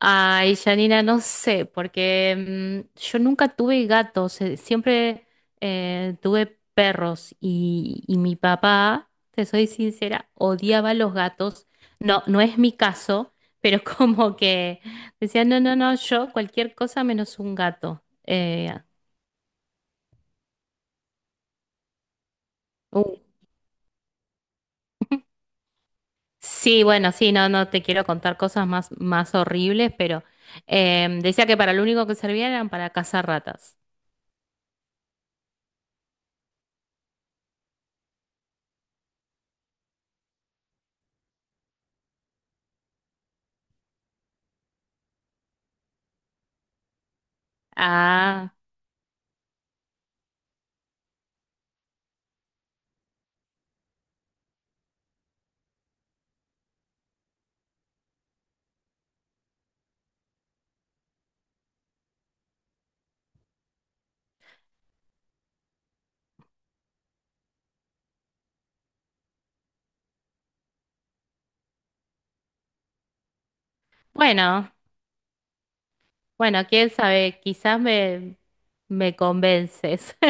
Ay, Janina, no sé, porque yo nunca tuve gatos, siempre tuve perros y mi papá, te soy sincera, odiaba los gatos. No, no es mi caso, pero como que decía, no, no, no, yo cualquier cosa menos un gato. Uh, Sí, bueno, sí, no, no te quiero contar cosas más horribles, pero decía que para lo único que servían eran para cazar ratas. Ah, bueno. Bueno, quién sabe, quizás me convences,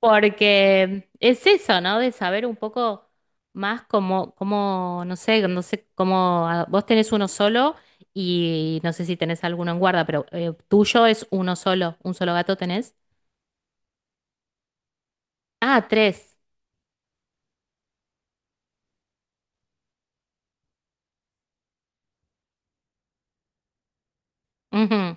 porque es eso, ¿no? De saber un poco más cómo, no sé, no sé cómo. ¿Vos tenés uno solo y no sé si tenés alguno en guarda? Pero tuyo es uno solo, un solo gato tenés. Ah, tres. Ujú.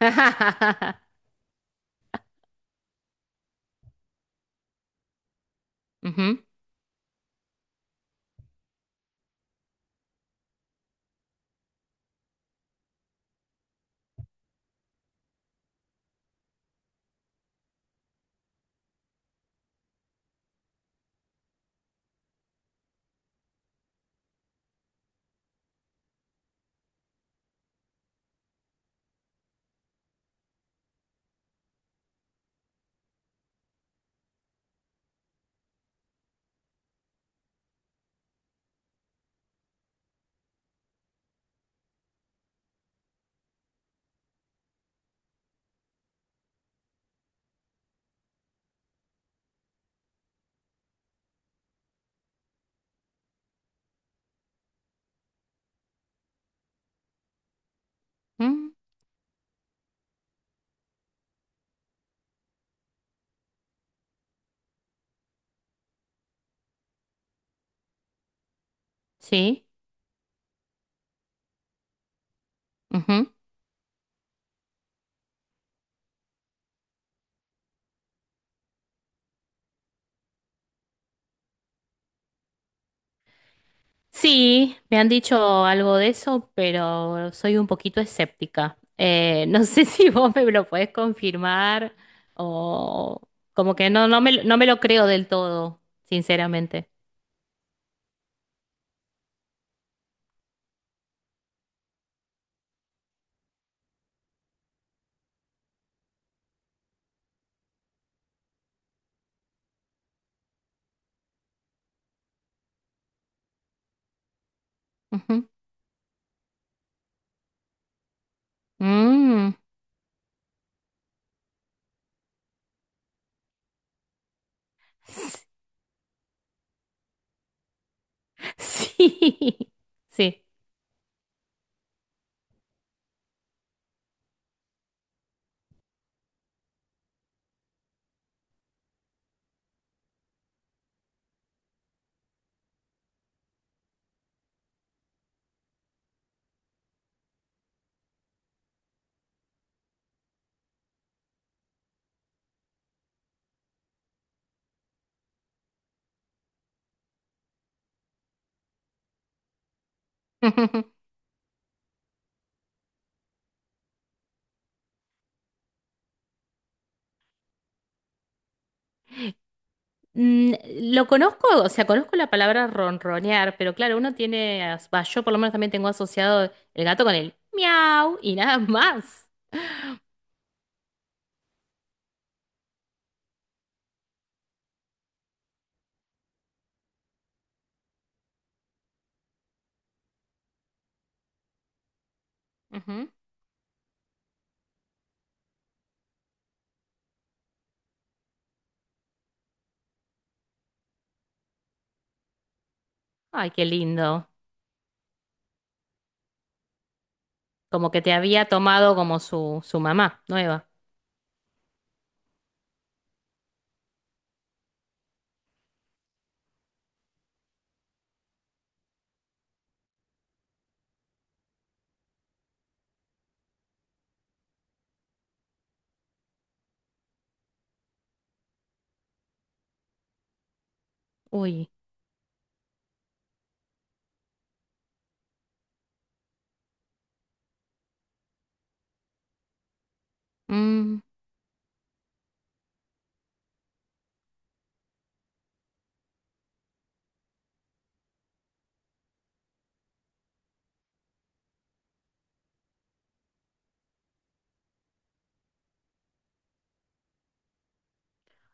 Ujú. Mm, Sí. Sí, me han dicho algo de eso, pero soy un poquito escéptica. No sé si vos me lo podés confirmar, o como que no, no me lo creo del todo, sinceramente. Ujú. Mm. Sí, sí. Mm, Lo conozco, o sea, conozco la palabra ronronear, pero claro, uno tiene, as- va, yo por lo menos también tengo asociado el gato con el miau y nada más. Ujú. Ay, qué lindo. Como que te había tomado como su mamá nueva. Uy. Mm.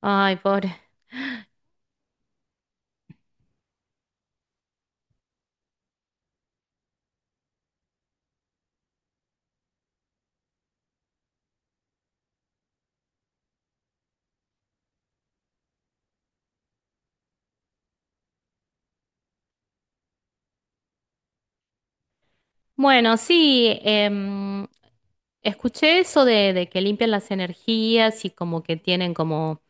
Ay, pobre. Bueno, sí, escuché eso de que limpian las energías y como que tienen como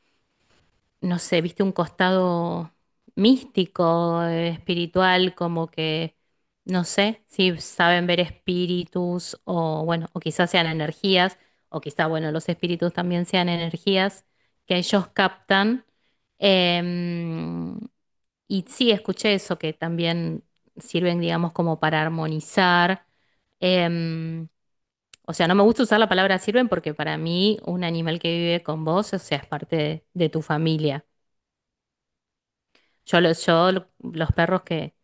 no sé, viste un costado místico, espiritual, como que no sé, si saben ver espíritus, o bueno, o quizás sean energías, o quizás, bueno, los espíritus también sean energías que ellos captan. Em, y sí, escuché eso, que también sirven, digamos, como para armonizar. Em, o sea, no me gusta usar la palabra sirven porque para mí un animal que vive con vos, o sea, es parte de tu familia. Yo, los, yo lo- Los perros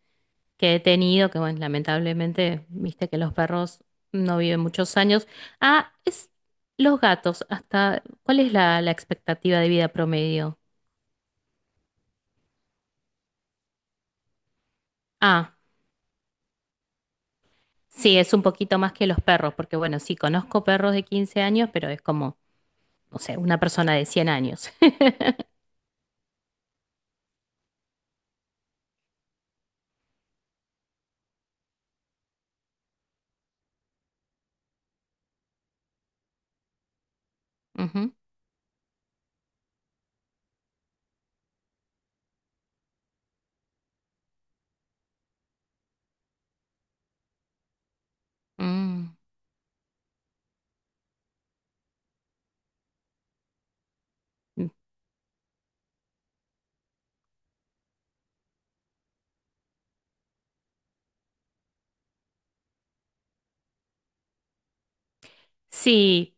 que he tenido, que bueno, lamentablemente, viste que los perros no viven muchos años. Ah, es, los gatos, hasta, ¿cuál es la expectativa de vida promedio? Ah, sí, es un poquito más que los perros, porque bueno, sí, conozco perros de 15 años, pero es como no sé, una persona de 100 años. Ujú. Mm. Sí.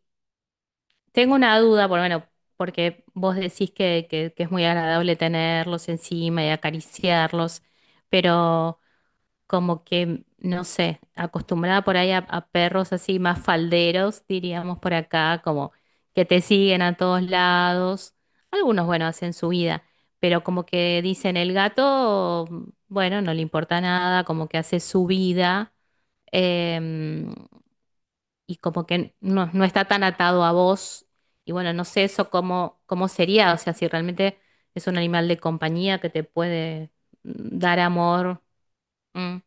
Tengo una duda, por bueno, porque vos decís que, que es muy agradable tenerlos encima y acariciarlos, pero como que no sé, acostumbrada por ahí a perros así más falderos, diríamos por acá, como que te siguen a todos lados. Algunos, bueno, hacen su vida, pero como que dicen el gato, bueno, no le importa nada, como que hace su vida. Em, y como que no, no está tan atado a vos. Y bueno, no sé eso cómo sería, o sea, si realmente es un animal de compañía que te puede dar amor. Mm,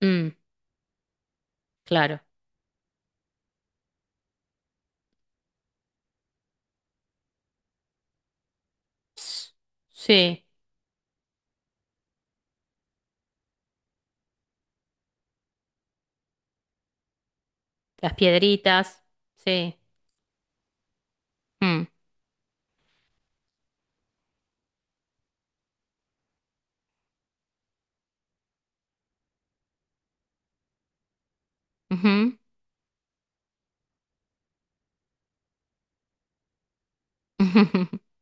mm, claro. Ps, sí, las piedritas, sí. Mm, ujú.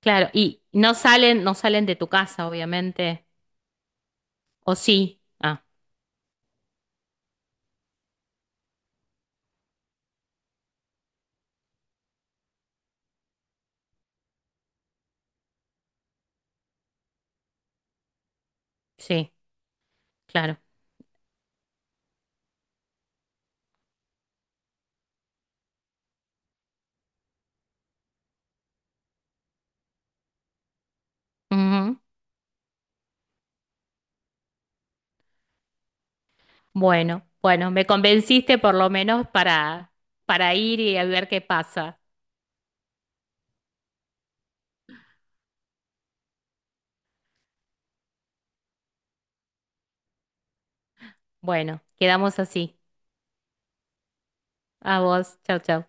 Claro, y no salen, no salen de tu casa, obviamente. ¿O sí? Ah, sí, claro. Ujú. Bueno, bueno, me convenciste por lo menos para ir y a ver qué pasa. Bueno, quedamos así. A vos, chau, chau.